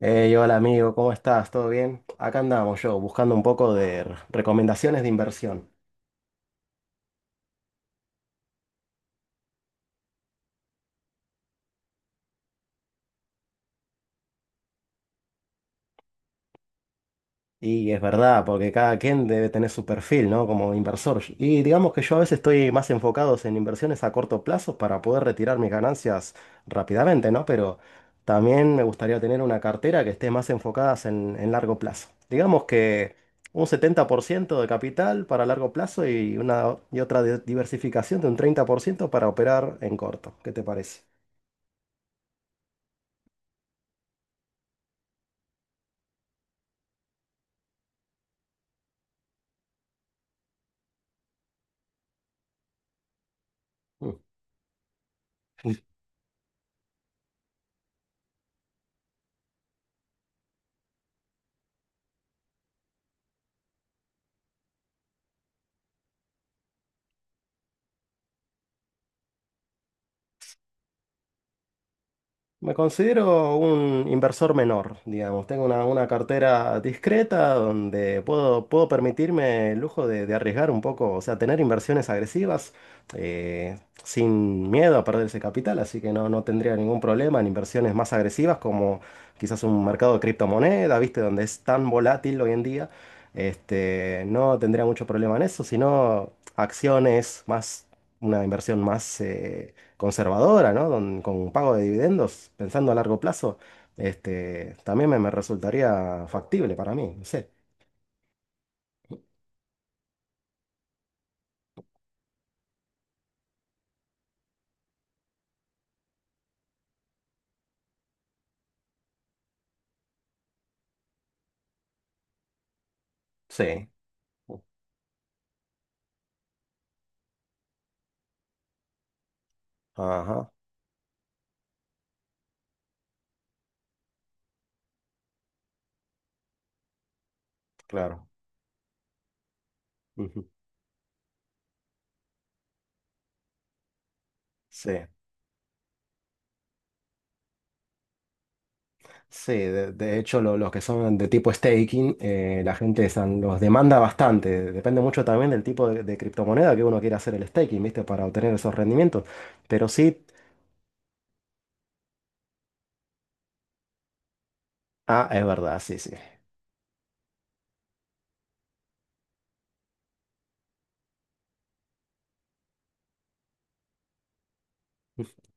Hey, hola amigo, ¿cómo estás? ¿Todo bien? Acá andamos yo buscando un poco de recomendaciones de inversión. Y es verdad, porque cada quien debe tener su perfil, ¿no? Como inversor. Y digamos que yo a veces estoy más enfocado en inversiones a corto plazo para poder retirar mis ganancias rápidamente, ¿no? Pero también me gustaría tener una cartera que esté más enfocada en largo plazo. Digamos que un 70% de capital para largo plazo y una y otra diversificación de un 30% para operar en corto. ¿Qué te parece? Me considero un inversor menor, digamos. Tengo una cartera discreta donde puedo permitirme el lujo de arriesgar un poco, o sea, tener inversiones agresivas sin miedo a perder ese capital, así que no, no tendría ningún problema en inversiones más agresivas como quizás un mercado de criptomonedas, ¿viste? Donde es tan volátil hoy en día. Este, no tendría mucho problema en eso, sino acciones más, una inversión más conservadora, ¿no? Con un pago de dividendos, pensando a largo plazo, este, también me resultaría factible para mí, no sé. Sí, ajá, claro. Ujú. Sí, sí, de hecho los que son de tipo staking, la gente los demanda bastante, depende mucho también del tipo de criptomoneda que uno quiera hacer el staking, ¿viste? Para obtener esos rendimientos. Pero sí, ah, es verdad, sí, sí.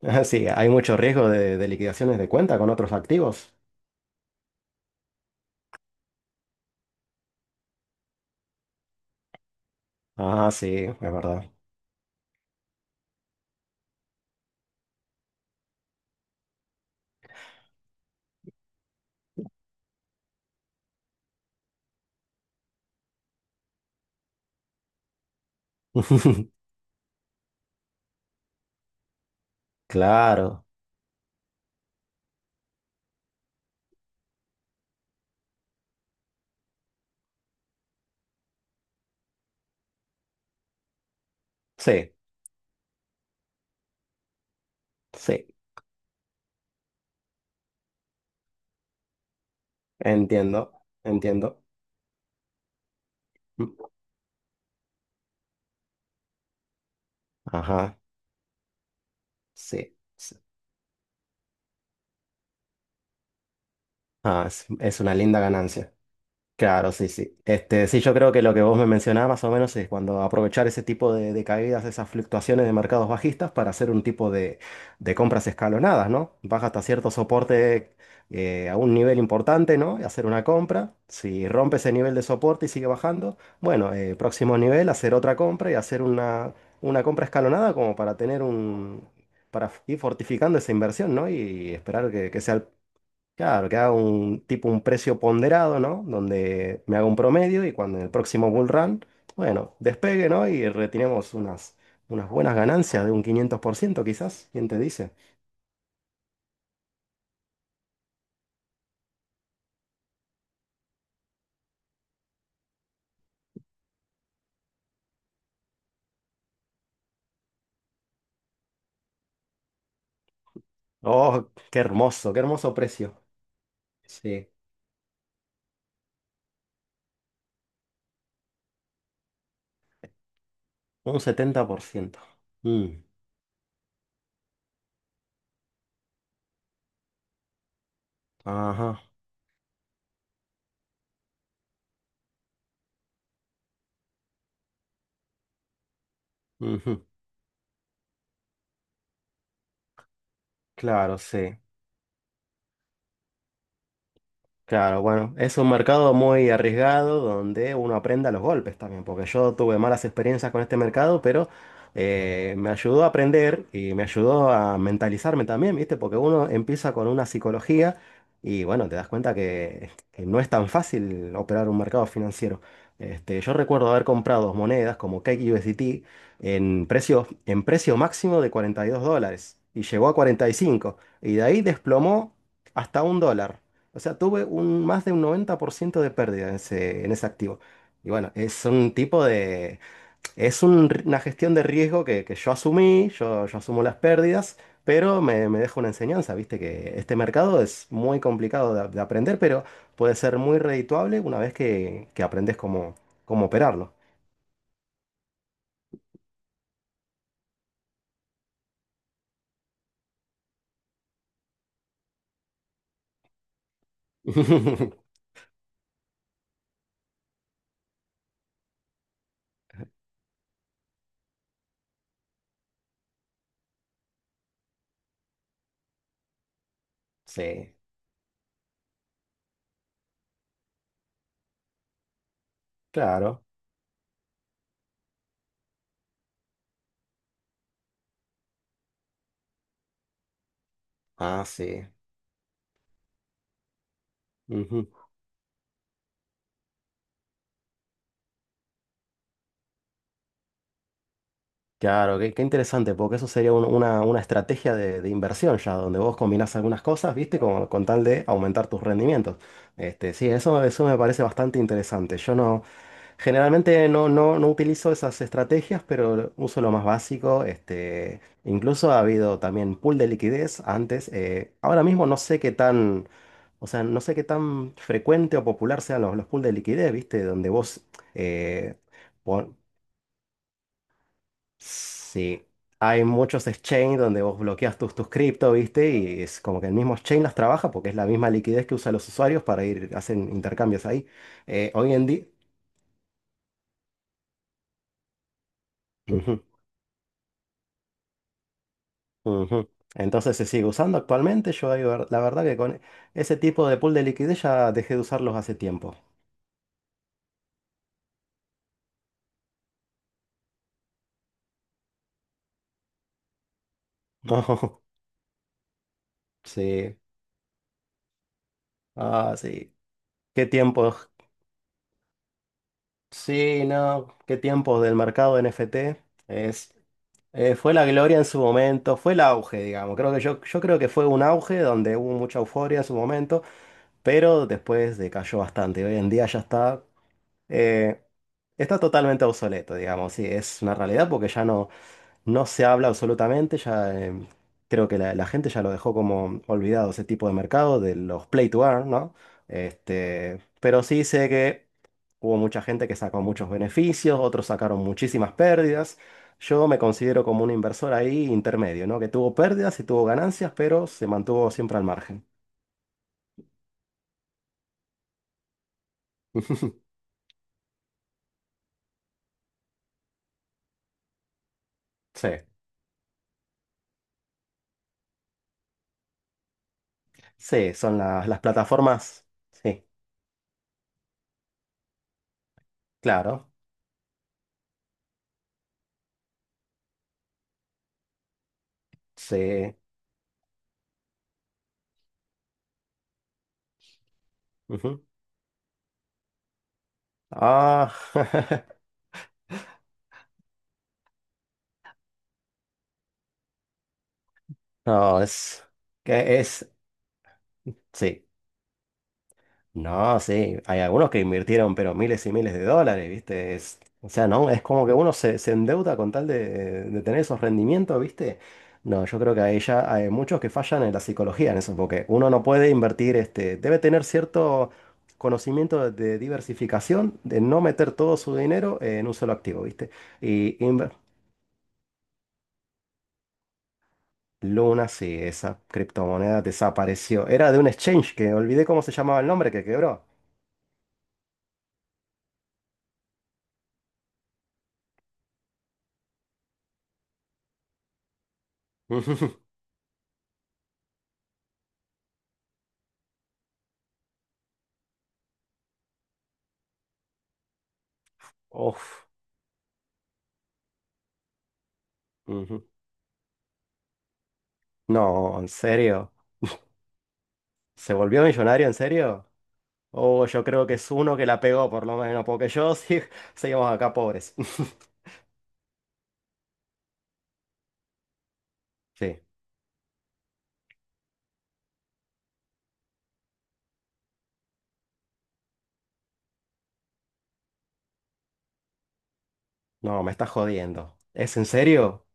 Sí, hay mucho riesgo de liquidaciones de cuenta con otros activos. Ah, sí, es verdad. Claro, sí, sí, entiendo, entiendo. Mm, ajá, sí, sí. Ah, es una linda ganancia. Claro, sí, sí. Este, sí, yo creo que lo que vos me mencionabas más o menos es cuando aprovechar ese tipo de caídas, esas fluctuaciones de mercados bajistas para hacer un tipo de compras escalonadas, ¿no? Baja hasta cierto soporte a un nivel importante, ¿no? Y hacer una compra. Si rompe ese nivel de soporte y sigue bajando, bueno, próximo nivel, hacer otra compra y hacer una compra escalonada como para tener un. Para ir fortificando esa inversión, ¿no? Y esperar que sea el. Claro, que haga un tipo un precio ponderado, ¿no? Donde me haga un promedio y cuando en el próximo bull run, bueno, despegue, ¿no? Y retiremos unas buenas ganancias de un 500% quizás. ¿Quién te dice? Oh, qué hermoso precio. Sí, un 70%. Mm, ajá. Ujú. Claro, sí. Claro, bueno, es un mercado muy arriesgado donde uno aprenda los golpes también, porque yo tuve malas experiencias con este mercado, pero me ayudó a aprender y me ayudó a mentalizarme también, ¿viste? Porque uno empieza con una psicología y bueno, te das cuenta que no es tan fácil operar un mercado financiero. Este, yo recuerdo haber comprado monedas como Cake USDT en precio máximo de $42 y llegó a 45 y cinco y de ahí desplomó hasta $1. O sea, tuve más de un 90% de pérdida en ese activo. Y bueno, es un tipo de. Una gestión de riesgo que yo asumí, yo asumo las pérdidas, pero me deja una enseñanza, viste, que este mercado es muy complicado de aprender, pero puede ser muy redituable una vez que aprendes cómo operarlo. Sí, claro. Ah, sí. Ujú. Claro, qué, qué interesante, porque eso sería una estrategia de inversión ya, donde vos combinás algunas cosas, ¿viste? Con tal de aumentar tus rendimientos. Este, sí, eso me parece bastante interesante. Yo no, generalmente no utilizo esas estrategias, pero uso lo más básico. Este, incluso ha habido también pool de liquidez antes. Ahora mismo no sé qué tan, o sea, no sé qué tan frecuente o popular sean los pool de liquidez, ¿viste? Donde vos... eh, Sí, hay muchos exchange donde vos bloqueas tus cripto, ¿viste? Y es como que el mismo exchange las trabaja porque es la misma liquidez que usan los usuarios para ir, hacen intercambios ahí. Hoy en día. Ujú, ujú. Entonces se sigue usando actualmente. Yo ahí la verdad que con ese tipo de pool de liquidez ya dejé de usarlos hace tiempo. Sí, ah, sí. ¿Qué tiempos? Sí, no, qué tiempos del mercado de NFT. Es, Fue la gloria en su momento, fue el auge, digamos. Creo que yo creo que fue un auge donde hubo mucha euforia en su momento, pero después decayó bastante. Hoy en día ya eh, está totalmente obsoleto, digamos. Sí, es una realidad porque ya no se habla absolutamente. Ya, creo que la gente ya lo dejó como olvidado ese tipo de mercado, de los play to earn, ¿no? Este, pero sí sé que. Hubo mucha gente que sacó muchos beneficios, otros sacaron muchísimas pérdidas. Yo me considero como un inversor ahí intermedio, ¿no? Que tuvo pérdidas y tuvo ganancias, pero se mantuvo siempre al margen. Sí, sí, son las plataformas. Sí, claro, sí. Ujú. Ah, no, es que es, sí. No, sí, hay algunos que invirtieron pero miles y miles de dólares, ¿viste? O sea, no, es como que uno se endeuda con tal de tener esos rendimientos, ¿viste? No, yo creo que ahí ya hay muchos que fallan en la psicología en eso, porque uno no puede invertir, este, debe tener cierto conocimiento de diversificación, de no meter todo su dinero en un solo activo, ¿viste? Y inver- Luna, sí, esa criptomoneda desapareció. Era de un exchange que olvidé cómo se llamaba el nombre que quebró. Uf. Ujú. No, en serio. ¿Se volvió millonario en serio? Oh, yo creo que es uno que la pegó por lo menos, porque yo sí, seguimos acá pobres. Sí, no, me estás jodiendo. ¿Es en serio?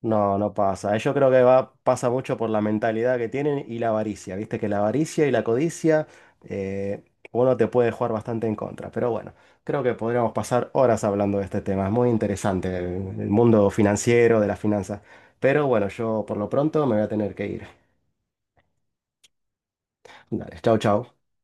No, no pasa. Yo creo pasa mucho por la mentalidad que tienen y la avaricia. Viste que la avaricia y la codicia, eh, uno te puede jugar bastante en contra. Pero bueno, creo que podríamos pasar horas hablando de este tema. Es muy interesante el mundo financiero, de las finanzas. Pero bueno, yo por lo pronto me voy a tener que ir. Dale, chao, chao.